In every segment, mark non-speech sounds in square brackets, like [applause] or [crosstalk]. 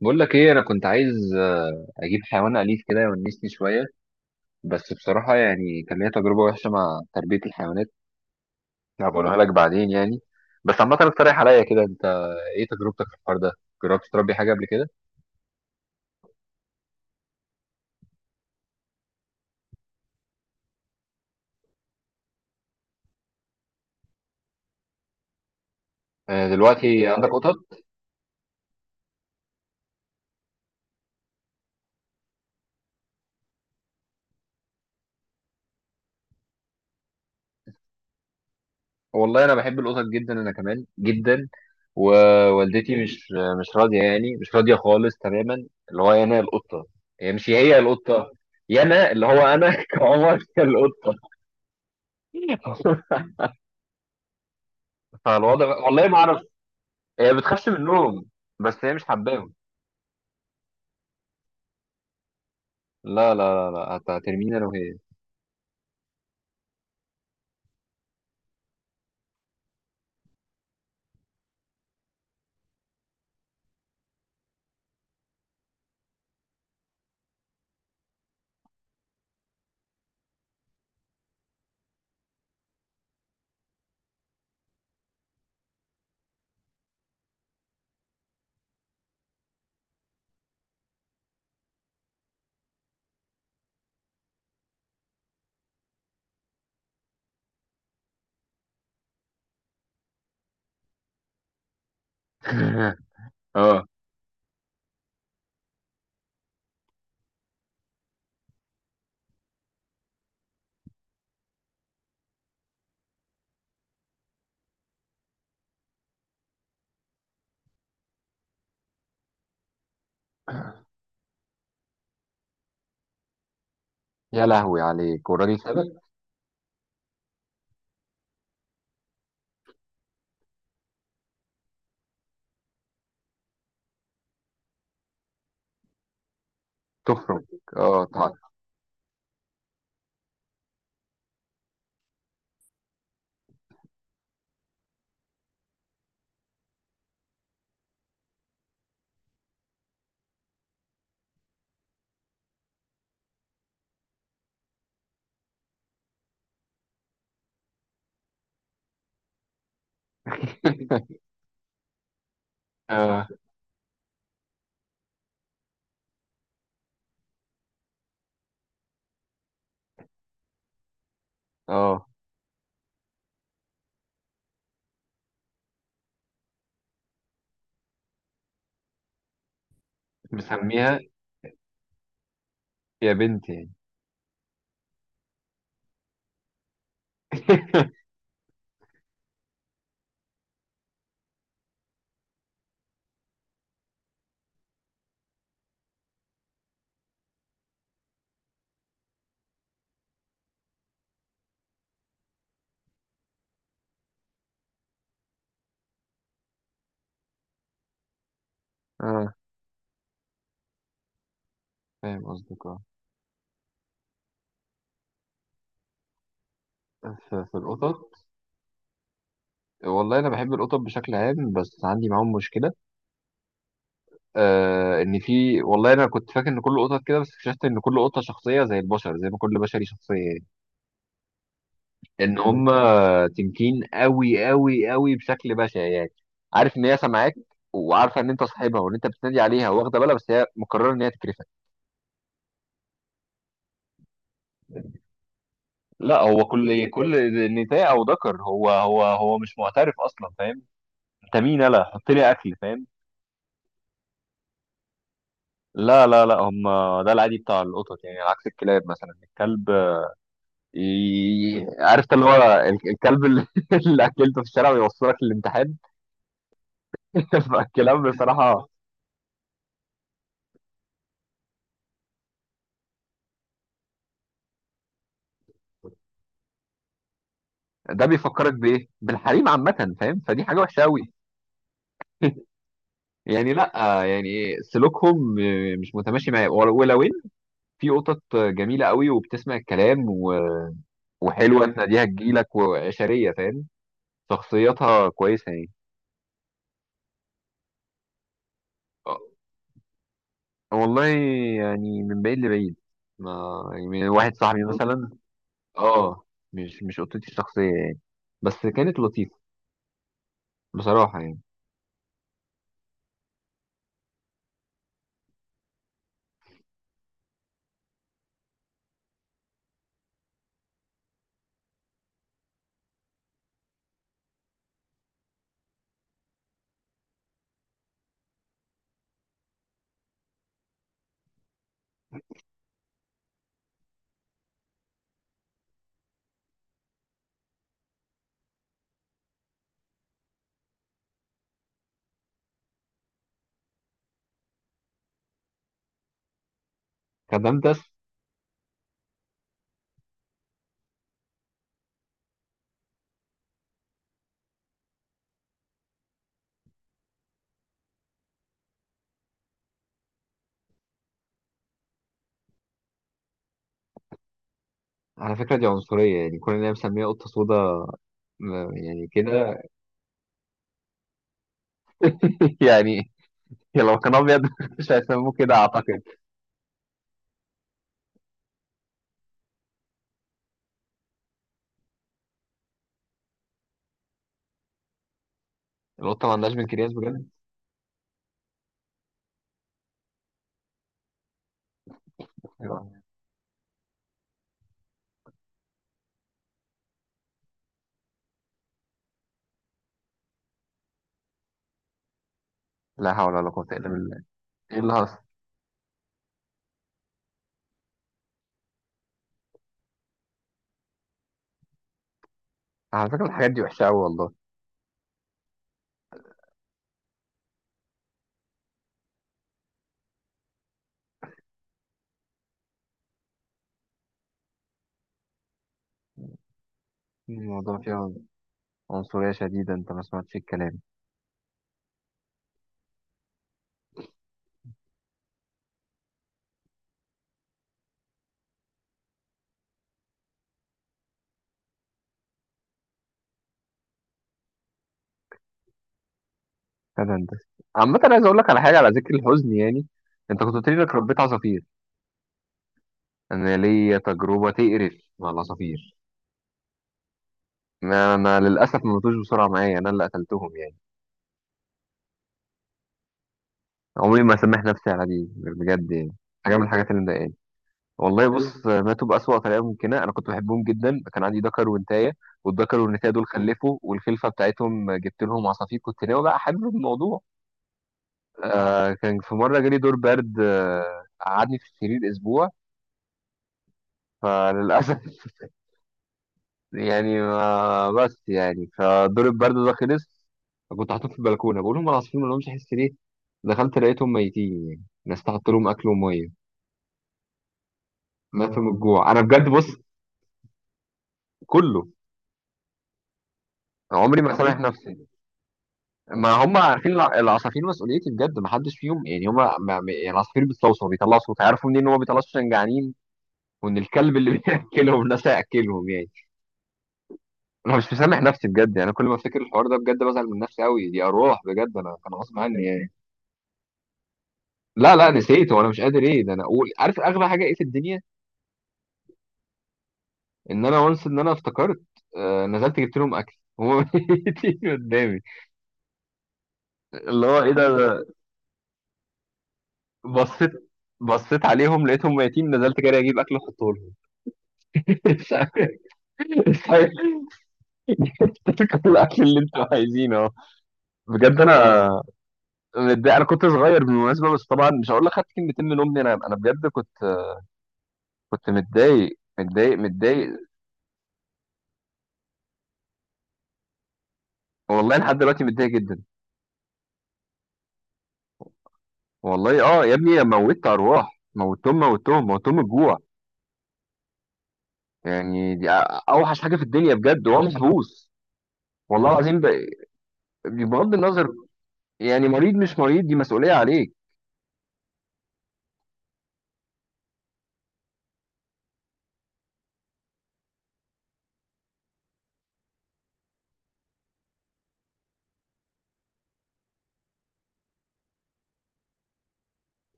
بقول لك ايه، انا كنت عايز اجيب حيوان اليف كده يونسني شويه. بس بصراحه يعني كان ليا تجربه وحشه مع تربيه الحيوانات. هبقولها لك بعدين يعني. بس عامه اقترح عليا كده انت، ايه تجربتك في الحوار ده؟ جربت تربي حاجه قبل كده؟ دلوقتي عندك قطط؟ والله انا بحب القطط جدا، انا كمان جدا. ووالدتي مش راضيه يعني، مش راضيه خالص تماما. اللي هو انا القطه. هي مش، هي القطه. يا انا اللي هو انا [laughs] كعمر القطه. [laughs] فالوضع والله ما اعرف. هي بتخاف من النوم. بس هي مش حباهم. لا، لا، لا، لا، هترميني انا وهي. [laughs] اه. يا لهوي عليك، والراجل سابك. تفرج. اه، طبعا. [laughs] اه، اه. مسميها. يا بنتي يعني. [laughs] اه. فاهم قصدك، اه. في القطط. والله انا بحب القطط بشكل عام، بس عندي معاهم مشكله. ان في، والله انا كنت فاكر ان كل قطط كده، بس اكتشفت ان كل قطه شخصيه زي البشر، زي ما كل بشري شخصيه يعني. ان هم تنكين قوي قوي قوي بشكل بشع يعني. عارف ان هي سامعاك، وعارفه ان انت صاحبها وان انت بتنادي عليها واخده بالها، بس هي مقرره ان هي تكرفك. لا، هو كل نساء او ذكر هو مش معترف اصلا، فاهم. انت مين؟ انا حط لي اكل، فاهم. لا، لا، لا، هم. ده العادي بتاع القطط يعني، عكس الكلاب مثلا الكلب. عارف ده اللي هو، الكلب اللي [laughs] اللي اكلته في الشارع ويوصلك للامتحان. [laughs] فالكلاب بصراحه. ده بيفكرك بايه؟ بالحريم عامه، فاهم؟ فدي حاجه وحشه قوي. يعني، لا يعني، سلوكهم مش متماشي معايا، ولو ان في قطط جميله قوي وبتسمع الكلام وحلوه تناديها تجيلك وعشريه، فاهم. شخصيتها كويسه يعني. أه، والله يعني، من بعيد لبعيد، ما يعني، من واحد صاحبي مثلا. اه، مش قطتي الشخصيه يعني. بس كانت لطيفه، بصراحه يعني. كدمتس؟ على فكره، دي عنصريه يعني، كون ان هي مسميه قطه سودا، يعني كده. [laughs] يعني لو كان ابيض [laughs] مش هيسموه كده اعتقد. القطه ما عندهاش بنكرياس بجد؟ أيوة. لا حول ولا قوه الا بالله. ايه الهص؟ على فكره، الحاجات دي وحشه قوي والله. الموضوع فيها عنصريه شديده، انت ما سمعتش الكلام. هذا انت. عامه، عايز اقول لك على حاجه، على ذكر الحزن يعني، انت كنت قلت لي انك ربيت عصافير. انا ليا تجربه تقرف مع العصافير. ما انا للاسف ما ماتوش بسرعه معايا، انا اللي قتلتهم يعني. عمري ما سامح نفسي على دي بجد يعني. حاجه من الحاجات اللي مضايقاني. والله بص، ماتوا بأسوأ طريقة ممكنة، أنا كنت بحبهم جدا، كان عندي دكر ونتاية. والدكر والنتاية دول خلفوا، والخلفة بتاعتهم جبت لهم عصافير، كنت ناوي بقى أحلل الموضوع. كان في مرة جالي دور برد، قعدني في السرير أسبوع. فللأسف [laughs] يعني ما بس يعني، فدور البرد ده خلص. كنت حاطط في البلكونة، بقول لهم العصافير ما لهمش حس ليه؟ دخلت لقيتهم ميتين يعني، ناس تحط لهم أكل ومية. ماتوا من الجوع، أنا بجد بص. كله. عمري ما سامح نفسي. ما هم عارفين العصافير مسؤوليتي بجد، ما حدش فيهم يعني، هم يعني العصافير بتصوصو، بيطلعوا صوت، عارفوا منين ان هو بيطلعوا صوت عشان جعانين. وان الكلب اللي [laughs] بياكلهم الناس هياكلهم يعني. انا مش مسامح نفسي بجد يعني، انا كل ما افتكر الحوار ده بجد بزعل من نفسي قوي، دي اروح بجد، انا كان غصب عني يعني. لا، لا، نسيت وانا مش قادر، ايه ده، انا اقول، عارف اغلى حاجه ايه في الدنيا؟ ان انا وانس، ان انا افتكرت. نزلت جبت لهم اكل، هم [laughs] ميتين قدامي. اللي هو ايه ده. بصيت بصيت عليهم لقيتهم ميتين، نزلت جري اجيب اكل احطه لهم. [laughs] أيوه. [laughs] كل الأكل اللي أنتم عايزينه أهو. بجد أنا متضايق، أنا كنت صغير بالمناسبة، بس طبعًا مش هاقول لك خدت كلمتين من أمي، أنا بجد كنت، كنت متضايق، متضايق، متضايق. والله لحد دلوقتي متضايق جدًا، والله يا ابني، موّتت أرواح، موّتتهم، موّتتهم، موّتتهم الجوع، يعني دي أوحش حاجة في الدنيا بجد وهو محبوس، والله العظيم بغض النظر، يعني مريض مش مريض، دي مسؤولية عليك،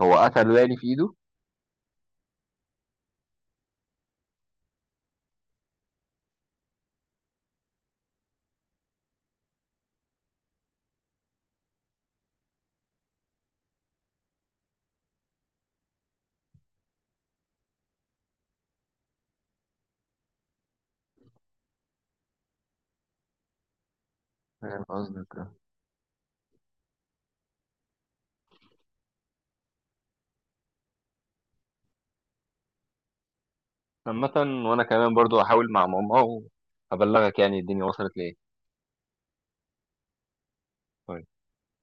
هو قتل يعني في إيده؟ فاهم قصدك. عامة، وانا كمان برضو هحاول مع ماما، وابلغك يعني الدنيا وصلت لايه.